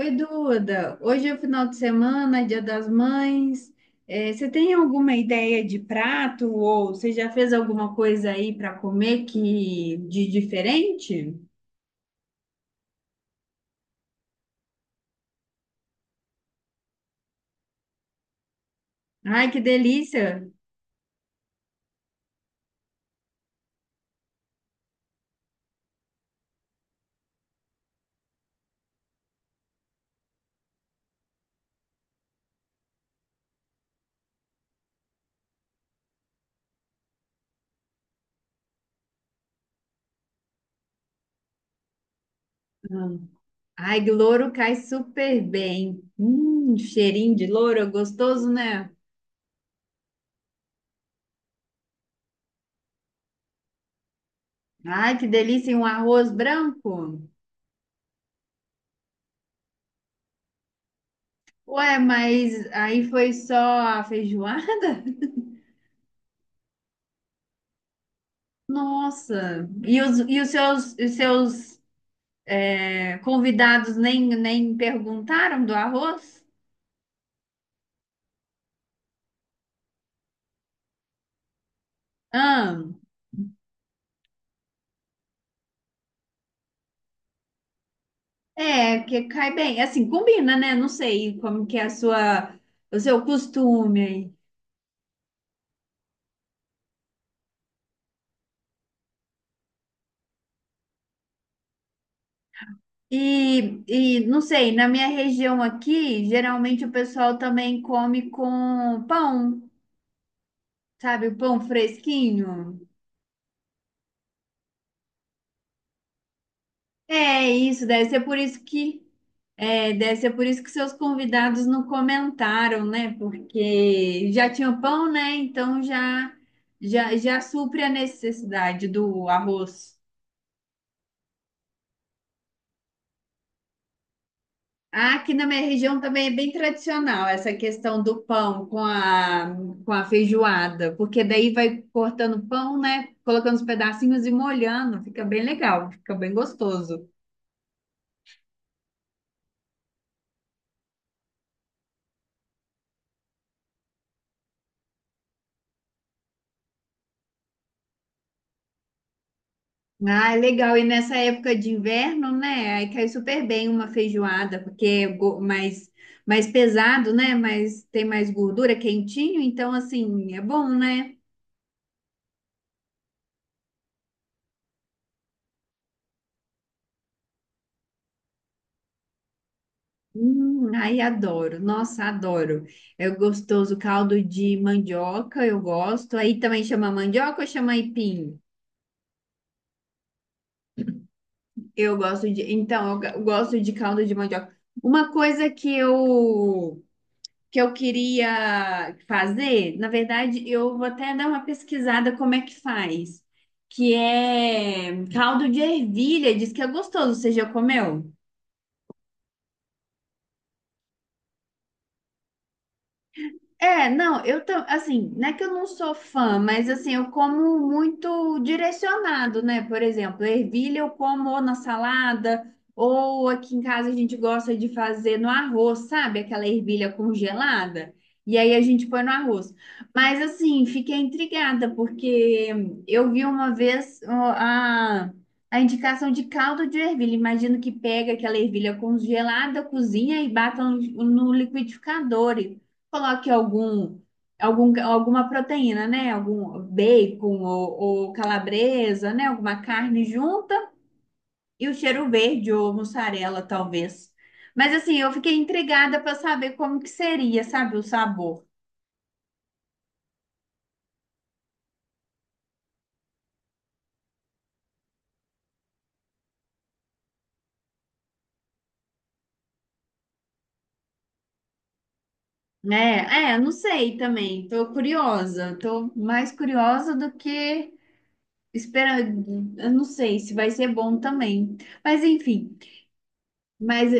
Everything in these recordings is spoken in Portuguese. Oi, Duda. Hoje é o final de semana, é Dia das Mães. Você tem alguma ideia de prato ou você já fez alguma coisa aí para comer que de diferente? Ai, que delícia! Ai, que louro cai super bem. Cheirinho de louro, é gostoso, né? Ai, que delícia! E um arroz branco. Ué, mas aí foi só a feijoada? Nossa! E os convidados nem perguntaram do arroz? Ah, é, que cai bem. Assim, combina, né? Não sei como que é a o seu costume aí. E, e não sei, na minha região aqui, geralmente o pessoal também come com pão, sabe? O pão fresquinho. É isso, deve ser por isso que. É, deve ser por isso que seus convidados não comentaram, né? Porque já tinha pão, né? Então já supre a necessidade do arroz. Ah, aqui na minha região também é bem tradicional essa questão do pão com a feijoada, porque daí vai cortando pão, né? Colocando os pedacinhos e molhando, fica bem legal, fica bem gostoso. Ah, é legal. E nessa época de inverno, né? Aí cai super bem uma feijoada, porque é mais pesado, né? Mas tem mais gordura, quentinho, então assim, é bom, né? Aí adoro. Nossa, adoro. É gostoso. Caldo de mandioca, eu gosto. Aí também chama mandioca ou chama aipim? Eu gosto de. Então, eu gosto de caldo de mandioca. Uma coisa que eu queria fazer, na verdade, eu vou até dar uma pesquisada como é que faz, que é caldo de ervilha, diz que é gostoso, você já comeu? Assim, não é que eu não sou fã, mas assim, eu como muito direcionado, né? Por exemplo, ervilha eu como ou na salada, ou aqui em casa a gente gosta de fazer no arroz, sabe? Aquela ervilha congelada. E aí a gente põe no arroz. Mas assim, fiquei intrigada, porque eu vi uma vez a indicação de caldo de ervilha. Imagino que pega aquela ervilha congelada, cozinha e bata no liquidificador, coloque alguma proteína, né? Algum bacon ou calabresa, né? Alguma carne junta e o cheiro verde ou mussarela, talvez. Mas assim, eu fiquei intrigada para saber como que seria, sabe, o sabor. Não sei também. Tô curiosa, tô mais curiosa do que esperando. Eu não sei se vai ser bom também. Mas enfim, mas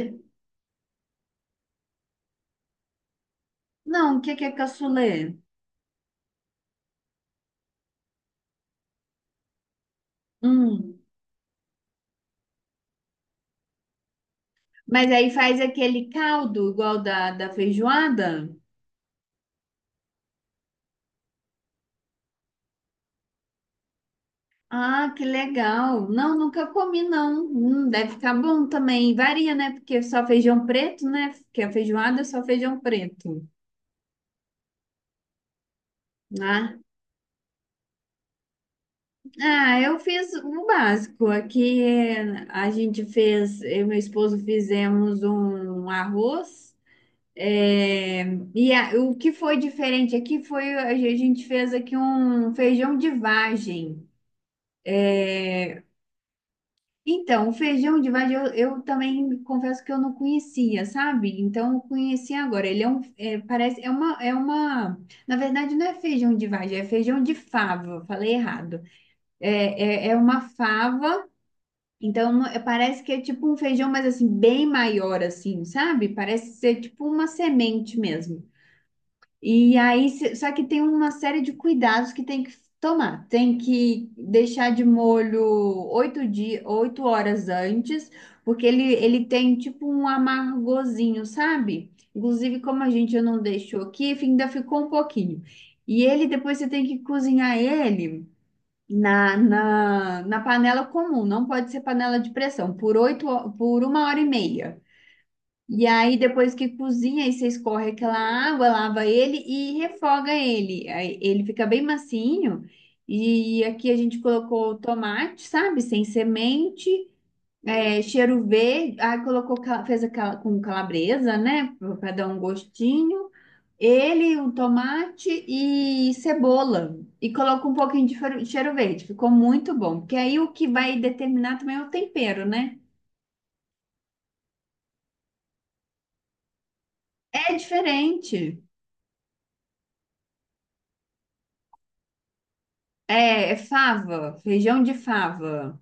não, o que que é cassoulet? Hum. Mas aí faz aquele caldo igual da feijoada? Ah, que legal. Não, nunca comi, não. Deve ficar bom também. Varia, né? Porque é só feijão preto, né? Porque a feijoada é só feijão preto. Ah, ah, eu fiz o básico. Aqui a gente fez, eu e meu esposo fizemos um arroz. eh, o que foi diferente aqui foi a gente fez aqui um feijão de vagem. Então, o feijão de vagem eu também confesso que eu não conhecia, sabe? Então, eu conheci agora. Ele é um, é, parece, é uma, Na verdade não é feijão de vagem, é feijão de fava, falei errado. É uma fava, parece que é tipo um feijão, mas assim, bem maior, assim, sabe? Parece ser tipo uma semente mesmo. E aí, se- Só que tem uma série de cuidados que tem que tomar. Tem que deixar de molho oito dias, oito horas antes, porque ele tem tipo um amargozinho, sabe? Inclusive, como a gente não deixou aqui, ainda ficou um pouquinho. E ele, depois você tem que cozinhar ele na panela comum, não pode ser panela de pressão, por uma hora e meia. E aí, depois que cozinha, aí você escorre aquela água, lava ele e refoga ele. Aí ele fica bem macinho. E aqui a gente colocou tomate, sabe? Sem semente, é, cheiro verde. Fez aquela com calabresa, né? Para dar um gostinho. Ele, o tomate e cebola. E coloca um pouquinho de cheiro verde. Ficou muito bom. Porque aí o que vai determinar também é o tempero, né? É diferente. É, é fava, feijão de fava.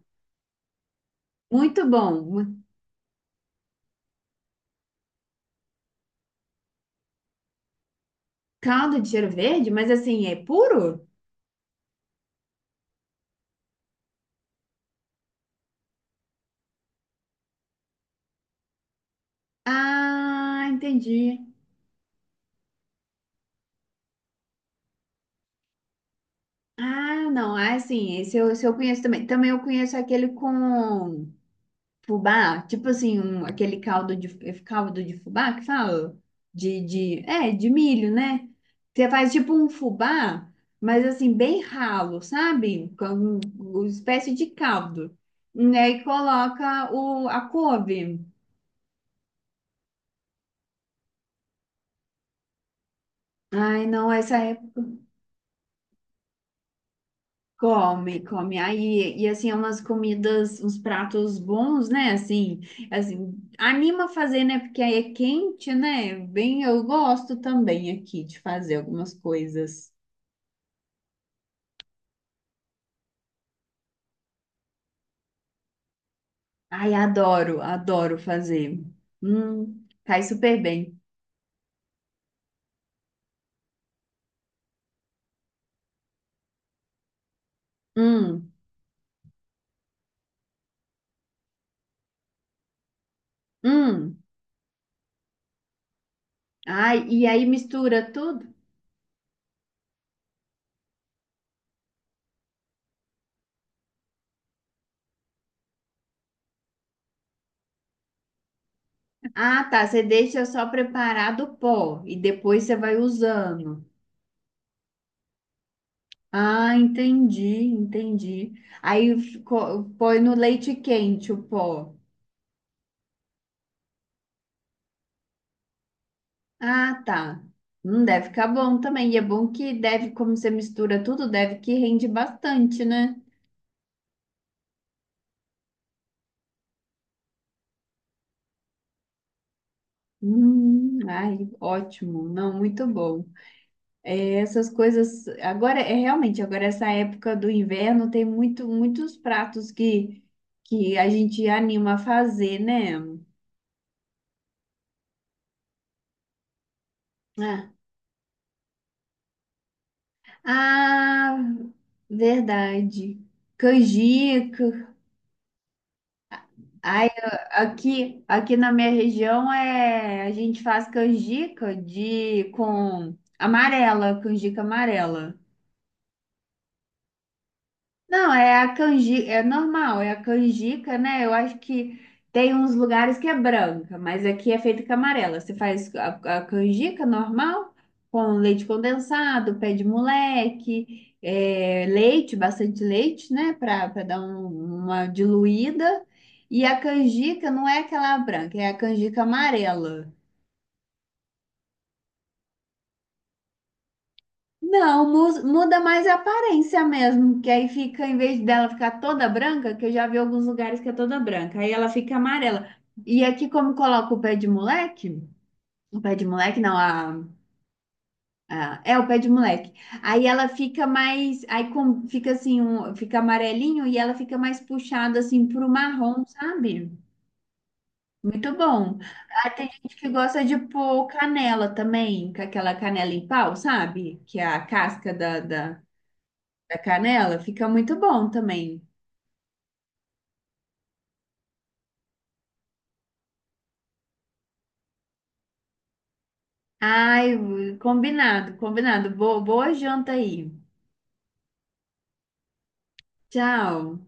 Muito bom. Mu- Caldo de cheiro verde, mas assim, é puro? Ah, entendi. Ah, não, ah, assim, esse eu conheço também. Também eu conheço aquele com fubá, tipo assim, um, aquele caldo de fubá que fala? De milho, né? Você faz tipo um fubá, mas assim, bem ralo, sabe? Com uma espécie de caldo. E aí coloca a couve. Ai, não, essa é. Come, come. Aí, e assim, é umas comidas, uns pratos bons, né? Assim, anima a fazer, né? Porque aí é quente, né? Bem, eu gosto também aqui de fazer algumas coisas. Ai, adoro, adoro fazer. Cai super bem. Hum, hum. Ai, e aí mistura tudo? Ah, tá. Você deixa só preparado o pó e depois você vai usando. Ah, entendi. Aí ficou- põe no leite quente o pó. Ah, tá. Não deve ficar bom também. E é bom que deve, como você mistura tudo, deve que rende bastante, né? Ai, ótimo. Não, muito bom. É, essas coisas. Agora, é realmente, agora essa época do inverno tem muito, muitos pratos que a gente anima a fazer, né? Ah, ah, verdade. Canjica. Ai, aqui na minha região é a gente faz canjica de com amarela, canjica amarela. Não, é a canjica, é normal, é a canjica, né? Eu acho que tem uns lugares que é branca, mas aqui é feita com amarela. Você faz a canjica normal, com leite condensado, pé de moleque, é, leite, bastante leite, né? Para dar uma diluída. E a canjica não é aquela branca, é a canjica amarela. Não, muda mais a aparência mesmo, que aí fica, em vez dela ficar toda branca, que eu já vi alguns lugares que é toda branca, aí ela fica amarela. E aqui, como coloca o pé de moleque, o pé de moleque não, a- é o pé de moleque, aí ela fica mais, fica assim, fica amarelinho e ela fica mais puxada assim pro marrom, sabe? Muito bom. Aí tem gente que gosta de pôr canela também, com aquela canela em pau, sabe? Que é a casca da canela, fica muito bom também. Ai, combinado, combinado. Boa, boa janta aí. Tchau.